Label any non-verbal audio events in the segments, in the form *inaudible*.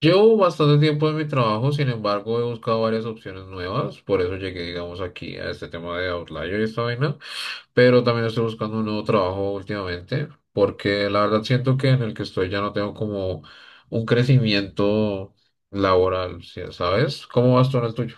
Llevo bastante tiempo en mi trabajo, sin embargo, he buscado varias opciones nuevas, por eso llegué, digamos, aquí a este tema de Outlier y esta vaina, pero también estoy buscando un nuevo trabajo últimamente, porque la verdad siento que en el que estoy ya no tengo como un crecimiento laboral, ¿sabes? ¿Cómo vas tú en el tuyo?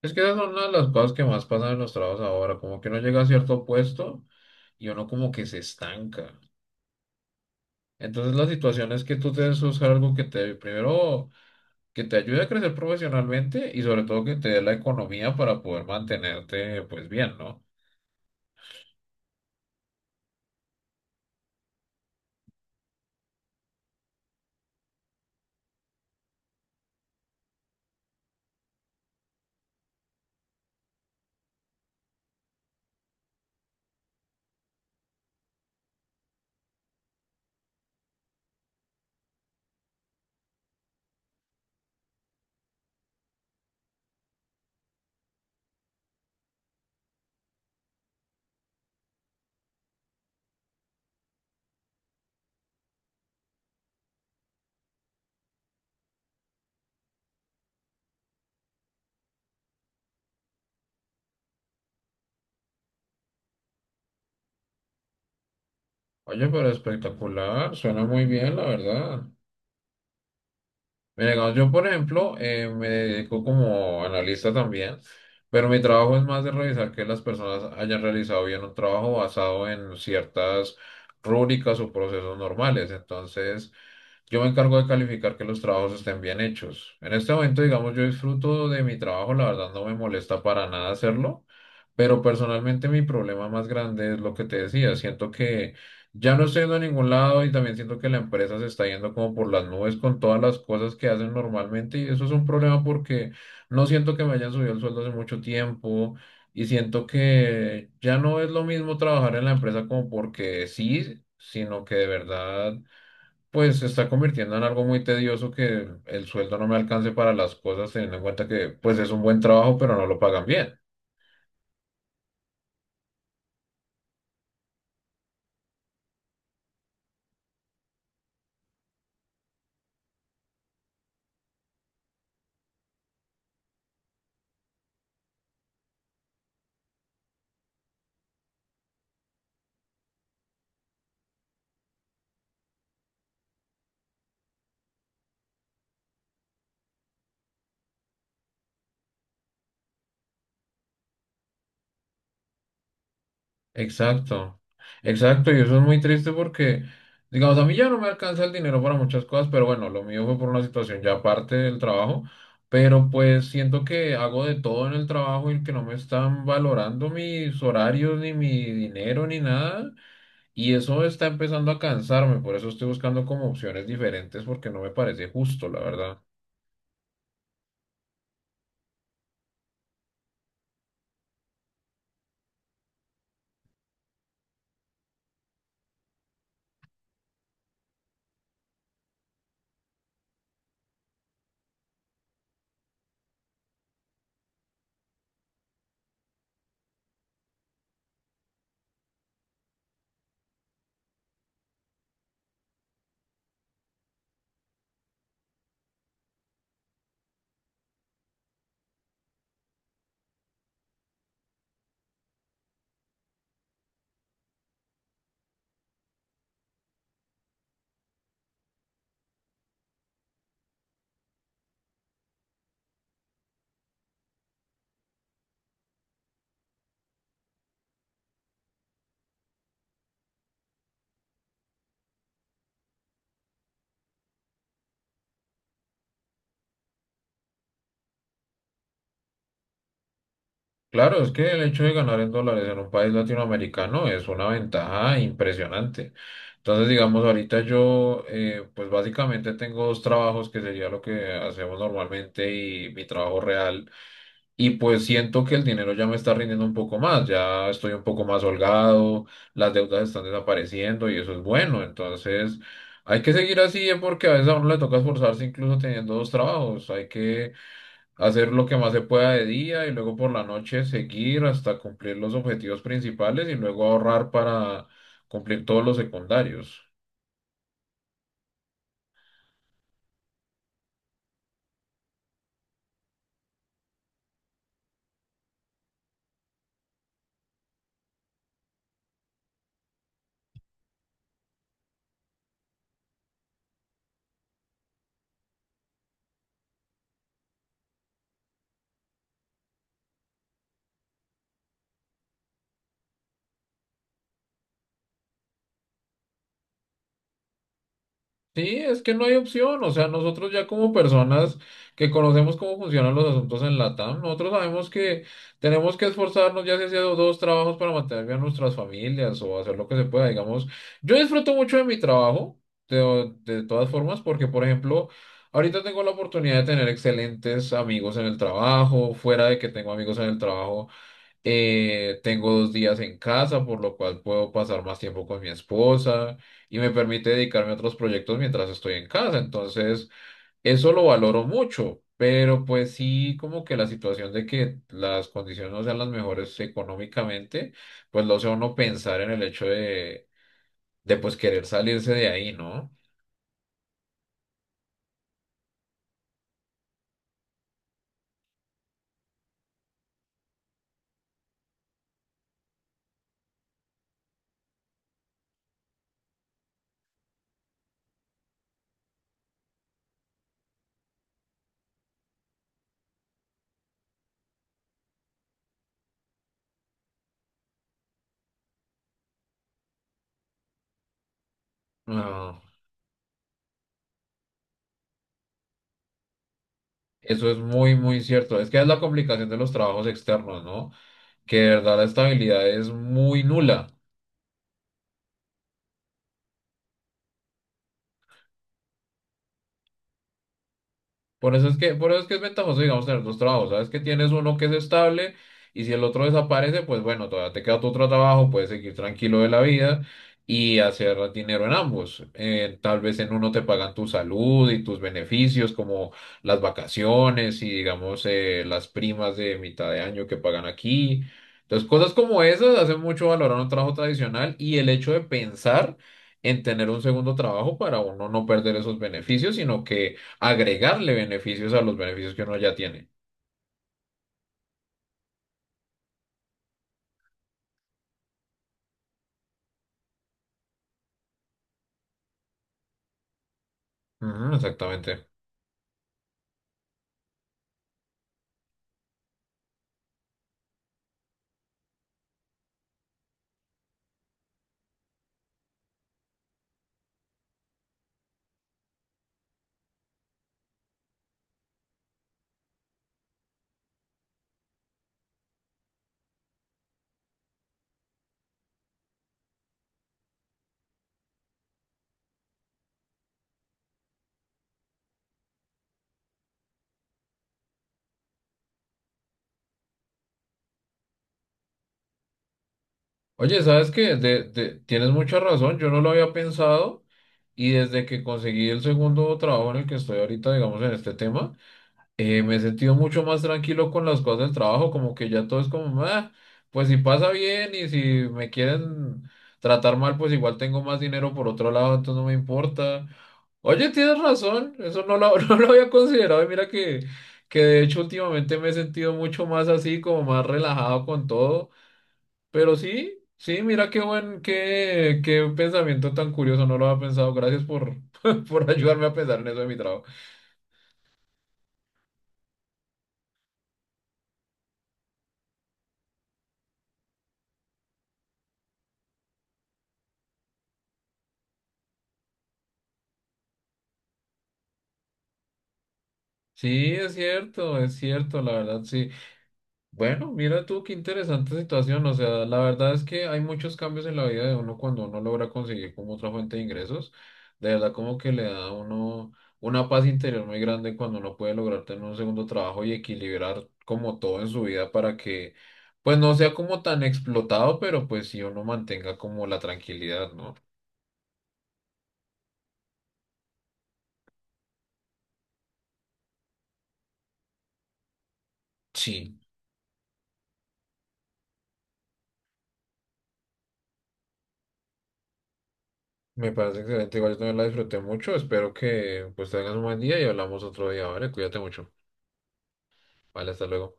Es que esa es una de las cosas que más pasan en los trabajos ahora, como que uno llega a cierto puesto y uno como que se estanca. Entonces la situación es que tú tienes que buscar algo que te, primero que te ayude a crecer profesionalmente y sobre todo que te dé la economía para poder mantenerte pues bien, ¿no? Oye, pero espectacular, suena muy bien, la verdad. Mira, cuando yo, por ejemplo, me dedico como analista también, pero mi trabajo es más de revisar que las personas hayan realizado bien un trabajo basado en ciertas rúbricas o procesos normales. Entonces, yo me encargo de calificar que los trabajos estén bien hechos. En este momento, digamos, yo disfruto de mi trabajo, la verdad no me molesta para nada hacerlo, pero personalmente mi problema más grande es lo que te decía, siento que... Ya no estoy yendo a ningún lado y también siento que la empresa se está yendo como por las nubes con todas las cosas que hacen normalmente y eso es un problema porque no siento que me hayan subido el sueldo hace mucho tiempo y siento que ya no es lo mismo trabajar en la empresa como porque sí, sino que de verdad pues se está convirtiendo en algo muy tedioso que el sueldo no me alcance para las cosas teniendo en cuenta que pues es un buen trabajo pero no lo pagan bien. Exacto, exacto, y eso es muy triste porque, digamos, a mí ya no me alcanza el dinero para muchas cosas, pero bueno, lo mío fue por una situación ya aparte del trabajo, pero pues siento que hago de todo en el trabajo y que no me están valorando mis horarios, ni mi dinero, ni nada, y eso está empezando a cansarme, por eso estoy buscando como opciones diferentes porque no me parece justo, la verdad. Claro, es que el hecho de ganar en dólares en un país latinoamericano es una ventaja impresionante. Entonces, digamos, ahorita yo, pues básicamente tengo dos trabajos que sería lo que hacemos normalmente y mi trabajo real. Y pues siento que el dinero ya me está rindiendo un poco más, ya estoy un poco más holgado, las deudas están desapareciendo y eso es bueno. Entonces, hay que seguir así, porque a veces a uno le toca esforzarse incluso teniendo dos trabajos. Hay que hacer lo que más se pueda de día y luego por la noche seguir hasta cumplir los objetivos principales y luego ahorrar para cumplir todos los secundarios. Sí, es que no hay opción, o sea, nosotros ya como personas que conocemos cómo funcionan los asuntos en LATAM, nosotros sabemos que tenemos que esforzarnos ya sea haciendo dos trabajos para mantener bien nuestras familias o hacer lo que se pueda, digamos. Yo disfruto mucho de mi trabajo, de todas formas, porque por ejemplo, ahorita tengo la oportunidad de tener excelentes amigos en el trabajo, fuera de que tengo amigos en el trabajo. Tengo dos días en casa, por lo cual puedo pasar más tiempo con mi esposa y me permite dedicarme a otros proyectos mientras estoy en casa. Entonces, eso lo valoro mucho, pero pues sí, como que la situación de que las condiciones no sean las mejores económicamente, pues lo hace a uno pensar en el hecho de pues querer salirse de ahí, ¿no? Ah, eso es muy, muy cierto. Es que es la complicación de los trabajos externos, ¿no? Que de verdad la estabilidad es muy nula. Por eso es que es ventajoso, digamos, tener dos trabajos. Sabes que tienes uno que es estable y si el otro desaparece, pues bueno, todavía te queda tu otro trabajo, puedes seguir tranquilo de la vida y hacer dinero en ambos. Tal vez en uno te pagan tu salud y tus beneficios, como las vacaciones y digamos, las primas de mitad de año que pagan aquí. Entonces, cosas como esas hacen mucho valorar un trabajo tradicional y el hecho de pensar en tener un segundo trabajo para uno no perder esos beneficios, sino que agregarle beneficios a los beneficios que uno ya tiene. Ujú, exactamente. Oye, ¿sabes qué? Tienes mucha razón, yo no lo había pensado y desde que conseguí el segundo trabajo en el que estoy ahorita, digamos, en este tema, me he sentido mucho más tranquilo con las cosas del trabajo, como que ya todo es como, "Ah, pues si pasa bien y si me quieren tratar mal, pues igual tengo más dinero por otro lado, entonces no me importa". Oye, tienes razón, eso no lo, *laughs* no lo había considerado y mira que de hecho últimamente me he sentido mucho más así, como más relajado con todo, pero sí. Sí, mira qué buen, qué pensamiento tan curioso, no lo había pensado. Gracias por, *laughs* por ayudarme a pensar en eso de mi trabajo. Sí, es cierto, la verdad, sí. Bueno, mira tú qué interesante situación, o sea, la verdad es que hay muchos cambios en la vida de uno cuando uno logra conseguir como otra fuente de ingresos, de verdad como que le da a uno una paz interior muy grande cuando uno puede lograr tener un segundo trabajo y equilibrar como todo en su vida para que pues no sea como tan explotado, pero pues sí uno mantenga como la tranquilidad, ¿no? Sí. Me parece excelente, igual yo también la disfruté mucho, espero que pues tengas un buen día y hablamos otro día, ¿vale? Cuídate mucho. Vale, hasta luego.